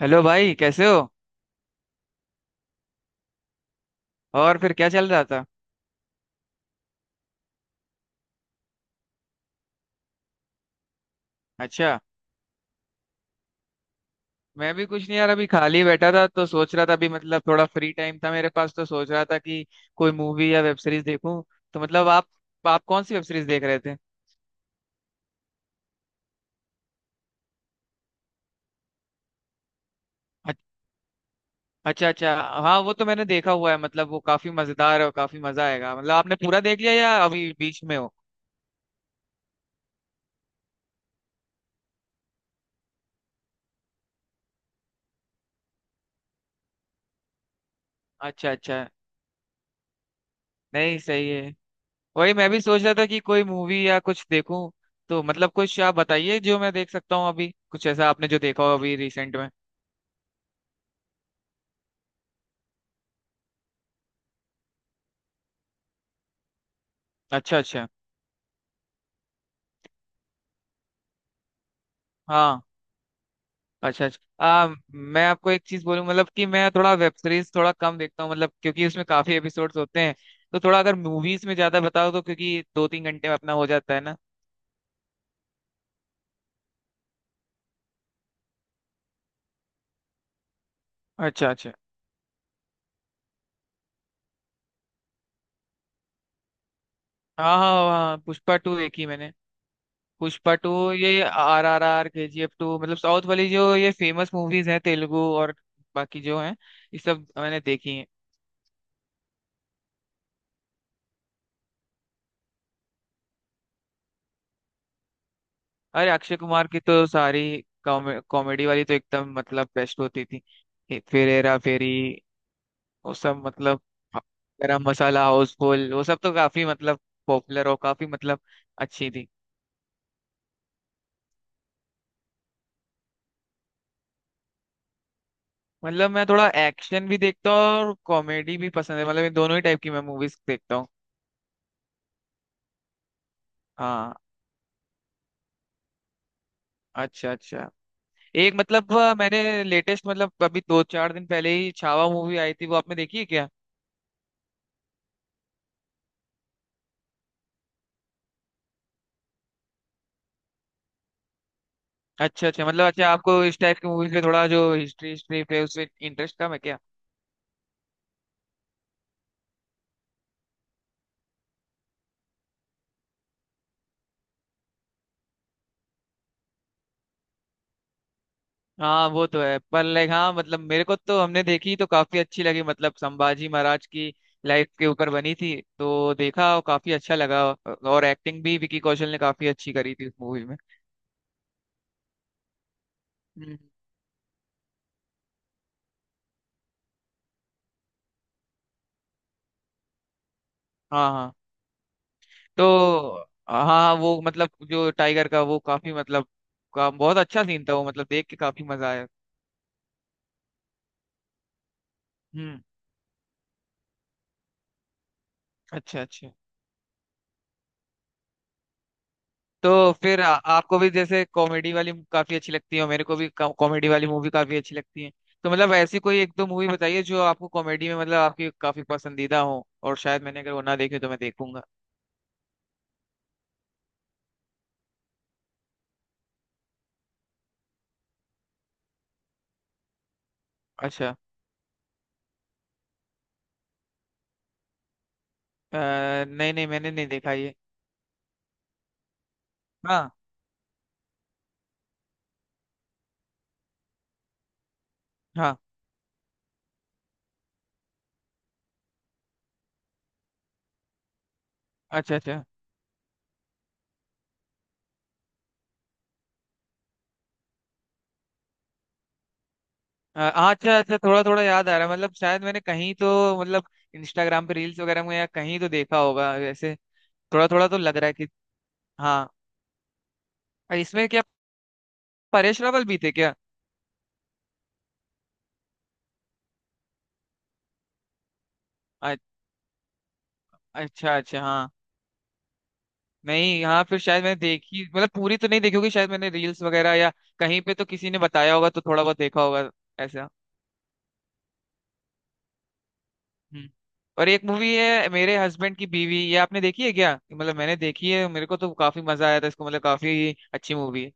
Hello भाई, कैसे हो। और फिर क्या चल रहा था। अच्छा। मैं भी कुछ नहीं यार, अभी खाली बैठा था तो सोच रहा था, अभी मतलब थोड़ा फ्री टाइम था मेरे पास तो सोच रहा था कि कोई मूवी या वेब सीरीज देखूं। तो मतलब आप कौन सी वेब सीरीज देख रहे थे। अच- अच्छा अच्छा। हाँ वो तो मैंने देखा हुआ है, मतलब वो काफी मजेदार है और काफी मजा आएगा। मतलब आपने पूरा देख लिया या अभी बीच में हो। अच्छा अच्छा। नहीं, सही है। वही मैं भी सोच रहा था कि कोई मूवी या कुछ देखूं। तो मतलब कुछ आप बताइए जो मैं देख सकता हूँ अभी, कुछ ऐसा आपने जो देखा हो अभी रिसेंट में। अच्छा अच्छा। हाँ। अच्छा अच्छा। मैं आपको एक चीज बोलूँ, मतलब कि मैं थोड़ा वेब सीरीज थोड़ा कम देखता हूँ, मतलब क्योंकि उसमें काफी एपिसोड्स होते हैं। तो थोड़ा अगर मूवीज में ज्यादा बताओ, तो क्योंकि 2-3 घंटे में अपना हो जाता है ना। अच्छा अच्छा। हाँ हाँ हाँ, पुष्पा 2 देखी मैंने। पुष्पा 2, ये RRR, KGF 2, मतलब साउथ वाली जो ये फेमस मूवीज हैं, तेलुगु और बाकी जो हैं, ये सब मैंने देखी हैं। अरे अक्षय कुमार की तो सारी कॉमेडी वाली तो एकदम मतलब बेस्ट होती थी। फिर हेरा फेरी, वो सब मतलब गरम मसाला, हाउसफुल, वो सब तो काफी मतलब पॉपुलर और काफी मतलब अच्छी थी। मतलब मैं थोड़ा एक्शन भी देखता हूँ और कॉमेडी भी पसंद है, मतलब ये दोनों ही टाइप की मैं मूवीज देखता हूँ। हाँ। अच्छा अच्छा। एक मतलब मैंने लेटेस्ट, मतलब अभी 2-4 दिन पहले ही छावा मूवी आई थी, वो आपने देखी है क्या। अच्छा अच्छा, मतलब अच्छा, आपको इस टाइप की मूवीज पे थोड़ा जो हिस्ट्री, हिस्ट्री पे उसमें इंटरेस्ट कम है क्या। हाँ वो तो है, पर लाइक हाँ मतलब मेरे को तो हमने देखी तो काफी अच्छी लगी, मतलब संभाजी महाराज की लाइफ के ऊपर बनी थी तो देखा और काफी अच्छा लगा, और एक्टिंग भी विकी कौशल ने काफी अच्छी करी थी उस मूवी में। हम्म। हाँ हाँ। तो हाँ हाँ, वो मतलब जो टाइगर का, वो काफी मतलब का बहुत अच्छा सीन था वो, मतलब देख के काफी मजा आया। हम्म। अच्छा अच्छा। तो फिर आपको भी जैसे कॉमेडी वाली काफी अच्छी लगती है और मेरे को भी कॉमेडी वाली मूवी काफी अच्छी लगती है। तो मतलब ऐसी कोई एक दो मूवी बताइए जो आपको कॉमेडी में मतलब आपकी काफी पसंदीदा हो, और शायद मैंने अगर वो ना देखी हो तो मैं देखूंगा। अच्छा। अ, नहीं नहीं, मैंने नहीं देखा ये। हाँ। हाँ। अच्छा अच्छा। हाँ अच्छा अच्छा, थोड़ा थोड़ा याद आ रहा है, मतलब शायद मैंने कहीं तो मतलब इंस्टाग्राम पे रील्स वगैरह में या कहीं तो देखा होगा वैसे। थोड़ा थोड़ा तो लग रहा है कि हाँ। इसमें क्या परेश रावल भी थे क्या। अ- अच्छा अच्छा हाँ। नहीं हाँ, फिर शायद मैंने देखी, मतलब पूरी तो नहीं देखी होगी, शायद मैंने रील्स वगैरह या कहीं पे तो किसी ने बताया होगा तो थोड़ा बहुत देखा होगा ऐसा। हम्म। और एक मूवी है मेरे हस्बैंड की बीवी, ये आपने देखी है क्या। मतलब मैंने देखी है, मेरे को तो काफी मजा आया था इसको, मतलब काफी अच्छी मूवी है,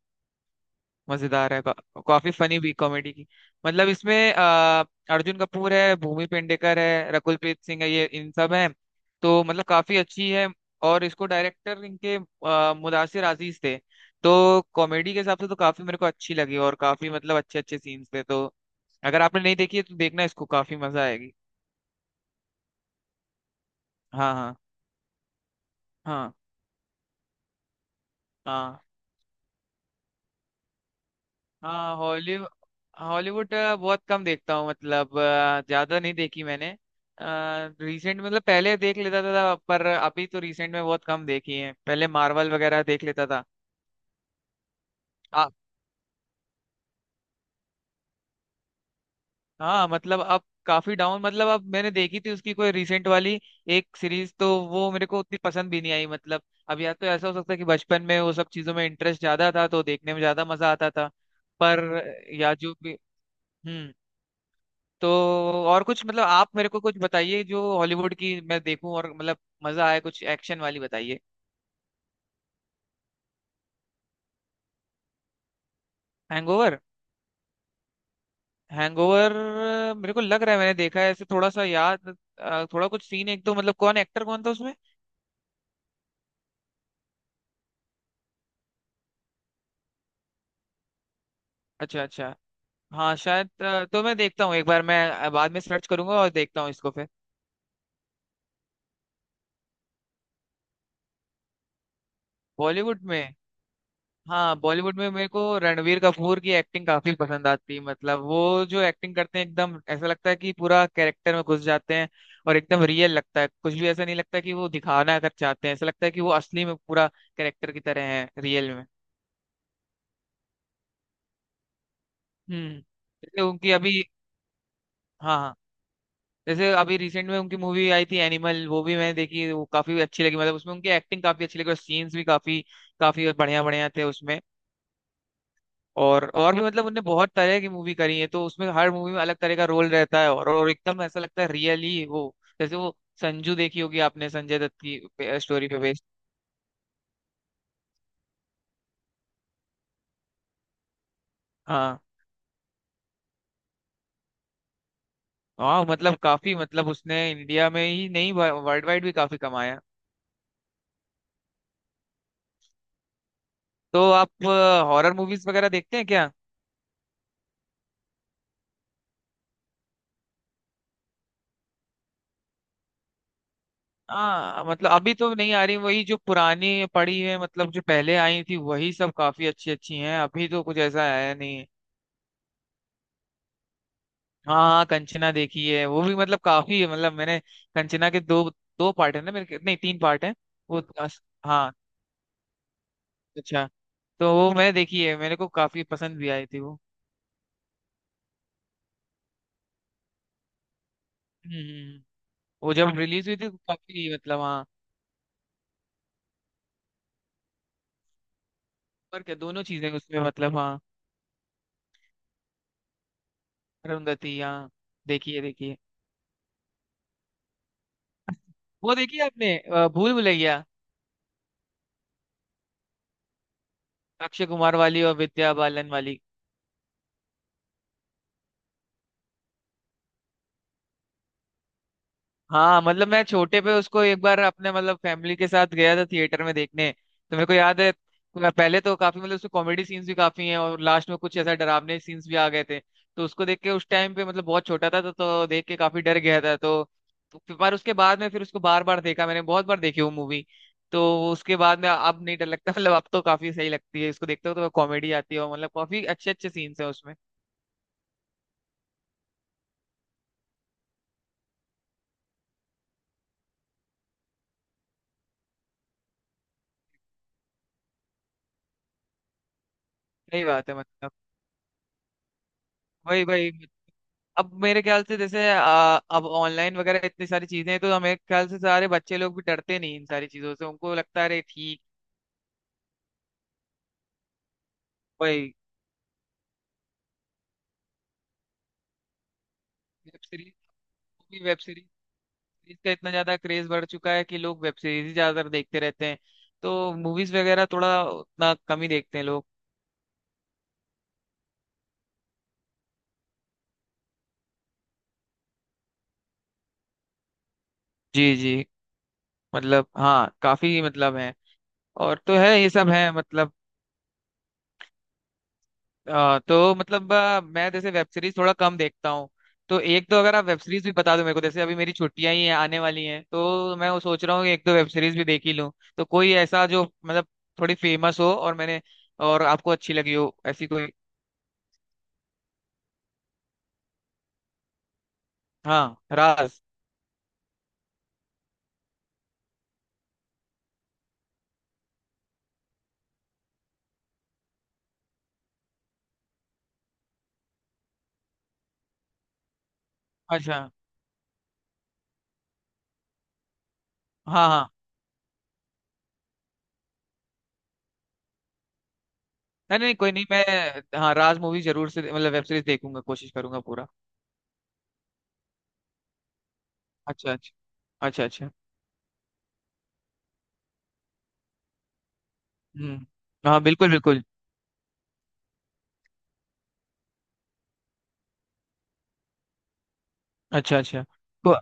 मजेदार है। काफी फनी भी, कॉमेडी की मतलब। इसमें अर्जुन कपूर है, भूमि पेंडेकर है, रकुलप्रीत सिंह है, ये इन सब हैं। तो मतलब काफी अच्छी है। और इसको डायरेक्टर इनके मुदासिर अजीज थे। तो कॉमेडी के हिसाब से तो काफी मेरे को अच्छी लगी, और काफी मतलब अच्छे अच्छे सीन्स थे। तो अगर आपने नहीं देखी है तो देखना इसको, काफी मजा आएगी। हाँ हाँ। हाँ हाँ। हाँ हॉलीवुड। हॉलीवुड बहुत कम देखता हूँ, मतलब ज्यादा नहीं देखी मैंने रिसेंट। मतलब पहले देख लेता था, पर अभी तो रिसेंट में बहुत कम देखी है, पहले मार्वल वगैरह देख लेता था। आ, हाँ मतलब अब काफी डाउन, मतलब अब मैंने देखी थी उसकी कोई रिसेंट वाली एक सीरीज तो वो मेरे को उतनी पसंद भी नहीं आई मतलब। अब या तो ऐसा हो सकता है कि बचपन में वो सब चीजों में इंटरेस्ट ज्यादा था तो देखने में ज्यादा मजा आता था। पर या जो भी। हम्म। तो और कुछ मतलब आप मेरे को कुछ बताइए जो हॉलीवुड की मैं देखूं और मतलब मजा आए, कुछ एक्शन वाली बताइए। हैंगओवर। हैंगओवर, मेरे को लग रहा है मैंने देखा है ऐसे, थोड़ा सा याद। थोड़ा कुछ सीन एक, तो मतलब कौन एक्टर, कौन था उसमें। अच्छा अच्छा। हाँ शायद तो मैं देखता हूँ एक बार, मैं बाद में सर्च करूंगा और देखता हूँ इसको फिर। बॉलीवुड में। हाँ बॉलीवुड में मेरे को रणवीर कपूर की एक्टिंग काफी पसंद आती है, मतलब वो जो एक्टिंग करते हैं एकदम ऐसा लगता है कि पूरा कैरेक्टर में घुस जाते हैं। और एकदम रियल लगता है, कुछ भी ऐसा नहीं लगता कि वो दिखाना कर चाहते हैं, ऐसा लगता है कि वो असली में पूरा कैरेक्टर की तरह है रियल में। हम्म। जैसे उनकी अभी हाँ हाँ, जैसे अभी रिसेंट में उनकी मूवी आई थी एनिमल, वो भी मैंने देखी, वो काफी अच्छी लगी, मतलब उसमें उनकी एक्टिंग काफी अच्छी लगी और सीन्स भी काफी काफी बढ़िया बढ़िया थे उसमें। और भी मतलब उनने बहुत तरह की मूवी करी है तो उसमें हर मूवी में अलग तरह का रोल रहता है, और एकदम ऐसा लगता है रियली वो। जैसे वो संजू देखी होगी आपने, संजय दत्त की स्टोरी पे बेस्ड। हाँ हाँ, मतलब काफी मतलब उसने इंडिया में ही नहीं, वर्ल्ड वाइड भी काफी कमाया। तो आप हॉरर मूवीज वगैरह देखते हैं क्या। हाँ मतलब अभी तो नहीं आ रही, वही जो पुरानी पड़ी है, मतलब जो पहले आई थी वही सब काफी अच्छी अच्छी हैं, अभी तो कुछ ऐसा आया नहीं है। हाँ कंचना देखी है, वो भी मतलब काफी है मतलब मैंने। कंचना के दो दो पार्ट है ना नहीं तीन पार्ट है वो। हाँ। अच्छा। तो वो मैंने देखी है, मेरे को काफी पसंद भी आई थी वो। हम्म। वो जब रिलीज हुई थी तो काफी मतलब हाँ। पर क्या दोनों चीजें उसमें, मतलब हाँ। अरुंधति हाँ, देखिए देखिए। वो देखी है आपने भूल भुलैया, अक्षय कुमार वाली और विद्या बालन वाली। हाँ मतलब मैं छोटे पे उसको एक बार अपने मतलब फैमिली के साथ गया था थिएटर में देखने, तो मेरे को याद है। पहले तो काफी मतलब उसमें कॉमेडी सीन्स भी काफी हैं और लास्ट में कुछ ऐसा डरावने सीन्स भी आ गए थे। तो उसको देख के उस टाइम पे, मतलब बहुत छोटा था तो देख के काफी डर गया था तो, पर उसके बाद में फिर उसको बार बार देखा मैंने, बहुत बार देखी वो मूवी। तो उसके बाद में अब नहीं डर लगता मतलब अब तो काफी सही लगती है, इसको देखते हो तो कॉमेडी आती है और मतलब काफी अच्छे अच्छे सीन्स हैं उसमें। सही बात है, मतलब वही वही। अब मेरे ख्याल से जैसे अब ऑनलाइन वगैरह इतनी सारी चीजें हैं तो हमें ख्याल से सारे बच्चे लोग भी डरते नहीं इन सारी चीजों से, उनको लगता है अरे ठीक भाई। वेब सीरीज भी, वेब सीरीज का इतना ज्यादा क्रेज बढ़ चुका है कि लोग वेब सीरीज ही ज्यादातर देखते रहते हैं। तो मूवीज वगैरह थोड़ा उतना कम ही देखते हैं लोग। जी जी। मतलब हाँ काफी मतलब है और तो है, ये सब है मतलब। तो मतलब मैं जैसे वेब सीरीज थोड़ा कम देखता हूँ, तो एक तो अगर आप वेब सीरीज भी बता दो मेरे को, जैसे अभी मेरी छुट्टियां ही हैं, आने वाली हैं, तो मैं वो सोच रहा हूँ कि एक दो वेब सीरीज भी देख ही लूँ। तो कोई ऐसा जो मतलब थोड़ी फेमस हो और मैंने और आपको अच्छी लगी हो, ऐसी कोई। हाँ राज। अच्छा हाँ हाँ। नहीं नहीं कोई नहीं, मैं हाँ राज मूवी जरूर से, मतलब वेब सीरीज देखूंगा, कोशिश करूंगा पूरा। अच्छा अच्छा। अच्छा अच्छा। हम्म। हाँ बिल्कुल बिल्कुल। अच्छा अच्छा। तो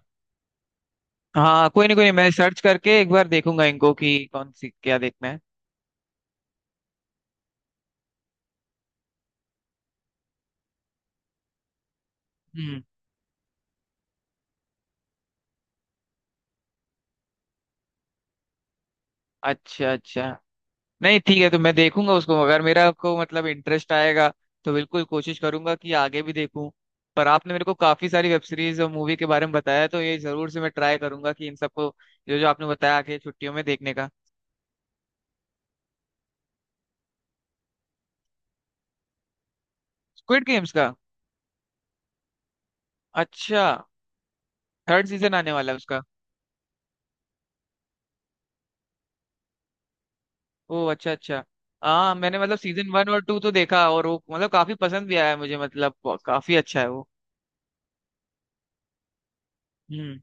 हाँ कोई नहीं कोई नहीं, मैं सर्च करके एक बार देखूंगा इनको कि कौन सी क्या देखना है। हम्म। अच्छा अच्छा। नहीं ठीक है, तो मैं देखूंगा उसको, अगर मेरा को मतलब इंटरेस्ट आएगा तो बिल्कुल कोशिश करूंगा कि आगे भी देखूं। पर आपने मेरे को काफी सारी वेब सीरीज और मूवी के बारे में बताया, तो ये जरूर से मैं ट्राई करूंगा कि इन सबको, जो जो आपने बताया, आके छुट्टियों में देखने का। स्क्विड गेम्स का। अच्छा। थर्ड सीजन आने वाला है उसका। ओ अच्छा अच्छा। हाँ मैंने मतलब सीजन 1 और 2 तो देखा, और वो मतलब काफी पसंद भी आया मुझे, मतलब काफी अच्छा है वो। हम्म।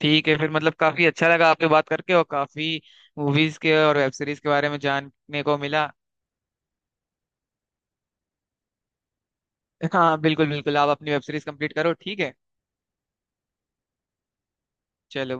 ठीक है फिर, मतलब काफी अच्छा लगा आपसे बात करके और काफी मूवीज के और वेब सीरीज के बारे में जानने को मिला। हाँ बिल्कुल बिल्कुल, आप अपनी वेब सीरीज कंप्लीट करो, ठीक है। चलो।